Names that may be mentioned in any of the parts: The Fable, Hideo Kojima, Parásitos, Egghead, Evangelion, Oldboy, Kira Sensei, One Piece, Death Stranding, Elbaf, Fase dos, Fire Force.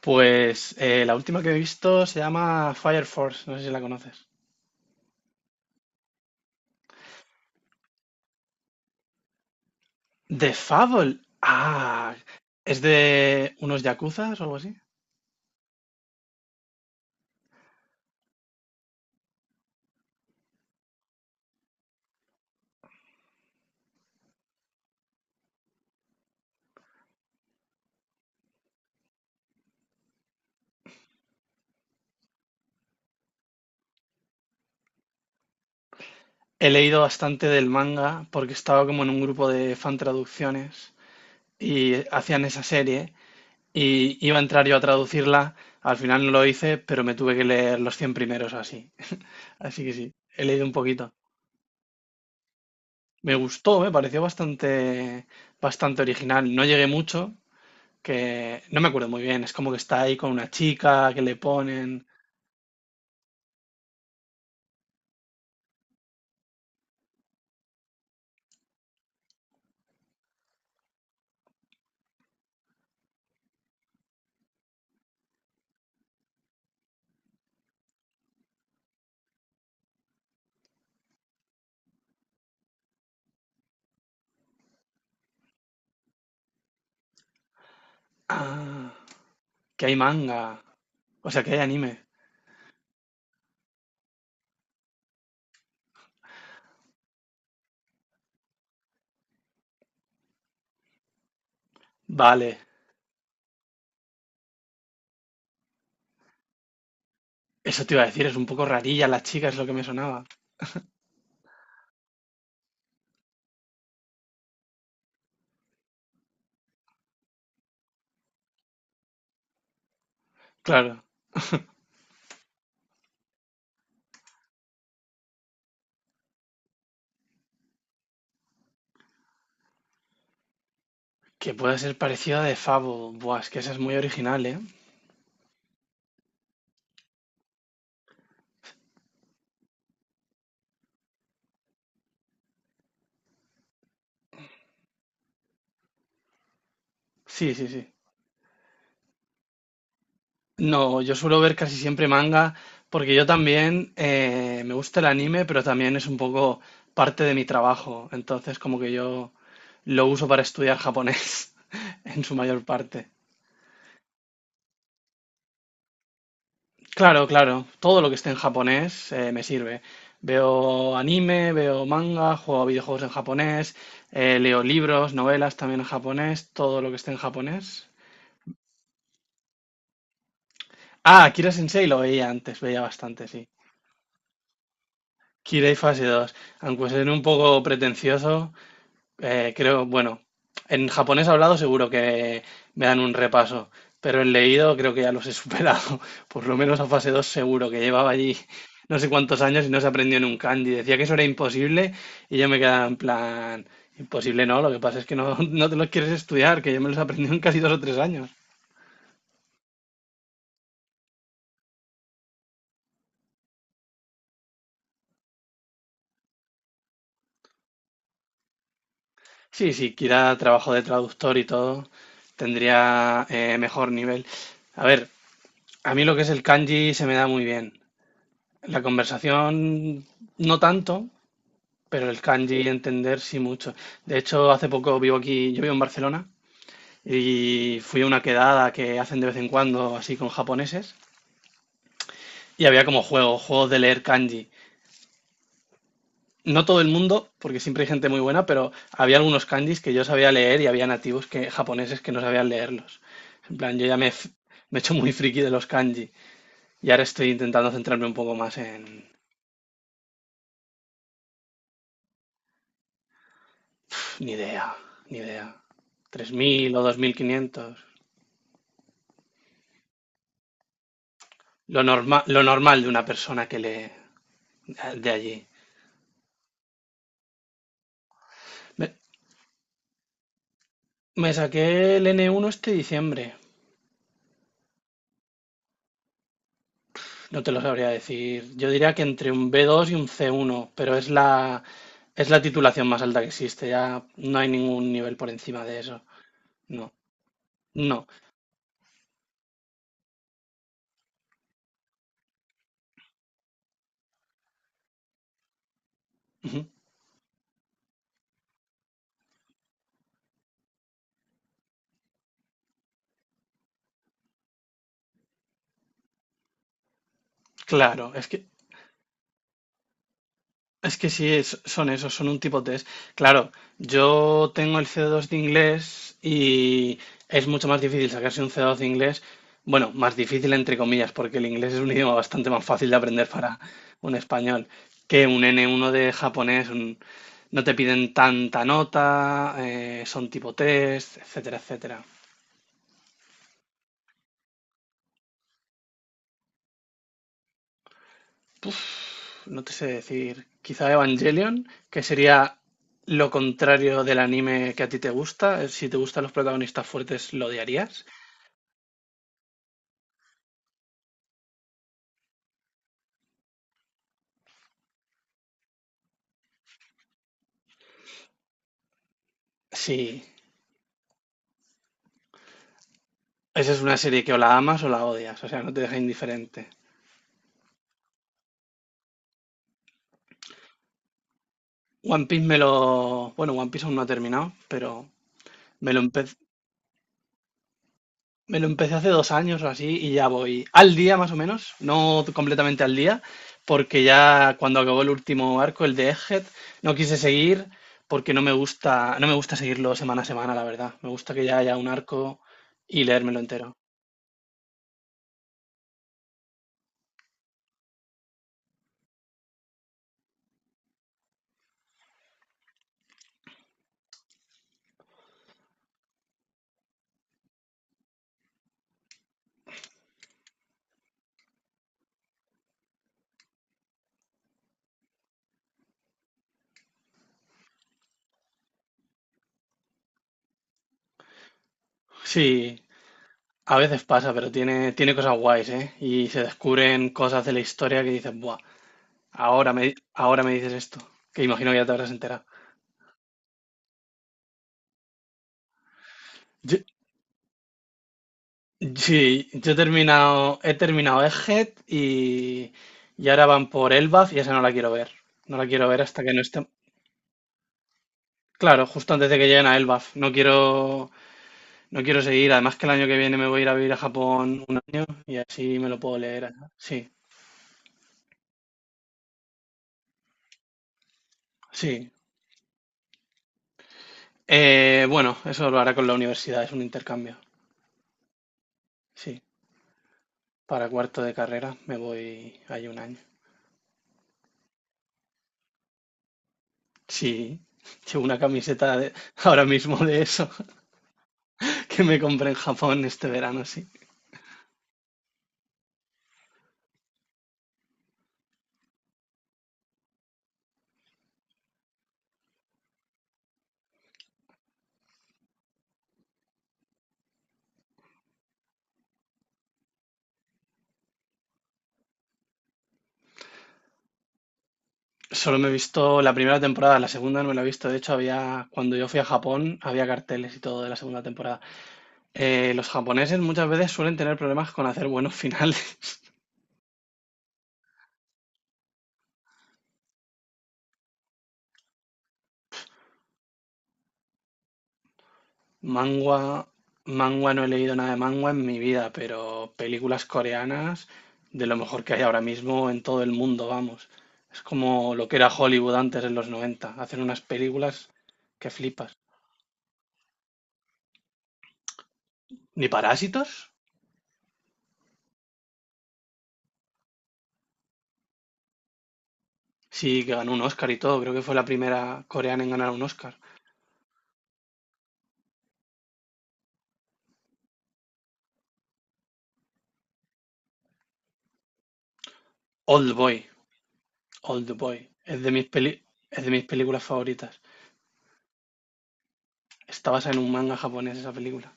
Pues la última que he visto se llama Fire Force, no sé si la conoces. The Fable. Ah, es de unos yakuzas o algo así. He leído bastante del manga porque estaba como en un grupo de fan traducciones y hacían esa serie y iba a entrar yo a traducirla. Al final no lo hice, pero me tuve que leer los 100 primeros o así. Así que sí, he leído un poquito. Me gustó, me pareció bastante, bastante original. No llegué mucho, que no me acuerdo muy bien, es como que está ahí con una chica, que le ponen. Ah, que hay manga, o sea, que hay anime. Vale, eso te iba a decir, es un poco rarilla la chica, es lo que me sonaba. Claro, que puede ser parecida de Fable, buah, es que esa es muy original, ¿eh? Sí, sí, sí. No, yo suelo ver casi siempre manga porque yo también me gusta el anime, pero también es un poco parte de mi trabajo. Entonces, como que yo lo uso para estudiar japonés en su mayor parte. Claro, claro. Todo lo que esté en japonés me sirve. Veo anime, veo manga, juego a videojuegos en japonés, leo libros, novelas también en japonés, todo lo que esté en japonés. Ah, Kira Sensei lo veía antes, veía bastante, sí. Kira y Fase dos. Aunque suene un poco pretencioso, creo, bueno, en japonés hablado seguro que me dan un repaso, pero en leído creo que ya los he superado. Por lo menos a fase dos seguro que llevaba allí no sé cuántos años y no se aprendió ni un kanji. Decía que eso era imposible y yo me quedaba en plan, imposible no, lo que pasa es que no, no te los quieres estudiar, que yo me los aprendí en casi 2 o 3 años. Sí, si quiera trabajo de traductor y todo, tendría mejor nivel. A ver, a mí lo que es el kanji se me da muy bien. La conversación no tanto, pero el kanji entender sí mucho. De hecho, hace poco vivo aquí, yo vivo en Barcelona y fui a una quedada que hacen de vez en cuando así con japoneses y había como juegos, juegos de leer kanji. No todo el mundo, porque siempre hay gente muy buena, pero había algunos kanjis que yo sabía leer y había nativos que, japoneses que no sabían leerlos. En plan, yo ya me he hecho muy friki de los kanji y ahora estoy intentando centrarme un poco más en. Ni idea, ni idea. 3000 o 2500. Lo normal de una persona que lee de allí. Me, me saqué el N1 este diciembre. No te lo sabría decir. Yo diría que entre un B2 y un C1, pero es la titulación más alta que existe. Ya no hay ningún nivel por encima de eso. No, no. Ujú. Claro, es que sí, son esos, son un tipo test. Claro, yo tengo el C2 de inglés y es mucho más difícil sacarse un C2 de inglés. Bueno, más difícil entre comillas, porque el inglés es un idioma bastante más fácil de aprender para un español que un N1 de japonés. No te piden tanta nota, son tipo test, etcétera, etcétera. No te sé decir, quizá Evangelion, que sería lo contrario del anime que a ti te gusta. Si te gustan los protagonistas fuertes, ¿lo odiarías? Sí. Esa es una serie que o la amas o la odias, o sea, no te deja indiferente. One Piece. Bueno, One Piece aún no ha terminado, pero me lo, empe- me lo empecé hace 2 años o así y ya voy al día más o menos, no completamente al día, porque ya cuando acabó el último arco, el de Egghead, no quise seguir porque no me gusta, no me gusta seguirlo semana a semana, la verdad. Me gusta que ya haya un arco y leérmelo entero. Sí, a veces pasa, pero tiene cosas guays, ¿eh? Y se descubren cosas de la historia que dices, buah, ahora me dices esto, que imagino que ya te habrás enterado. Sí, yo he terminado Egghead y ahora van por Elbaf y esa no la quiero ver. No la quiero ver hasta que no esté. Claro, justo antes de que lleguen a Elbaf. No quiero seguir. Además que el año que viene me voy a ir a vivir a Japón un año y así me lo puedo leer allá. Sí, sí. Bueno, eso lo hará con la universidad, es un intercambio. Sí, para cuarto de carrera me voy ahí un año. Sí, llevo una camiseta ahora mismo de eso que me compré en Japón este verano, sí. Solo me he visto la primera temporada, la segunda no me la he visto. De hecho, había, cuando yo fui a Japón, había carteles y todo de la segunda temporada. Los japoneses muchas veces suelen tener problemas con hacer buenos finales. Mangua, mangua no he leído nada de mangua en mi vida, pero películas coreanas de lo mejor que hay ahora mismo en todo el mundo, vamos. Es como lo que era Hollywood antes en los 90. Hacen unas películas que flipas. ¿Ni Parásitos? Sí, que ganó un Oscar y todo. Creo que fue la primera coreana en ganar un Oscar. Old Boy. Oldboy es de mis películas favoritas. Está basada en un manga japonés esa película.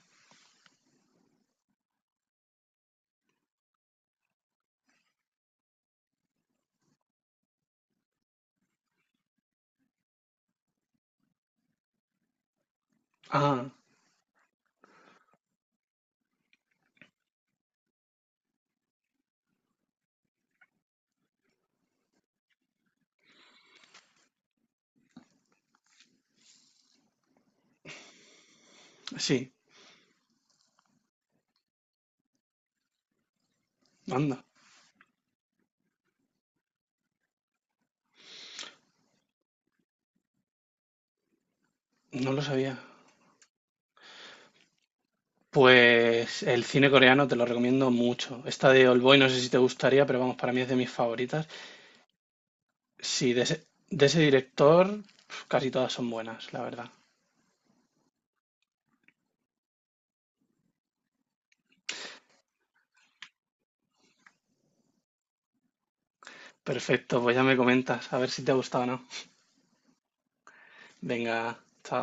Ah, sí, anda, no lo sabía. Pues el cine coreano te lo recomiendo mucho. Esta de Oldboy no sé si te gustaría, pero vamos, para mí es de mis favoritas. Sí, de ese director pf, casi todas son buenas, la verdad. Perfecto, pues ya me comentas, a ver si te ha gustado o no. Venga, chao.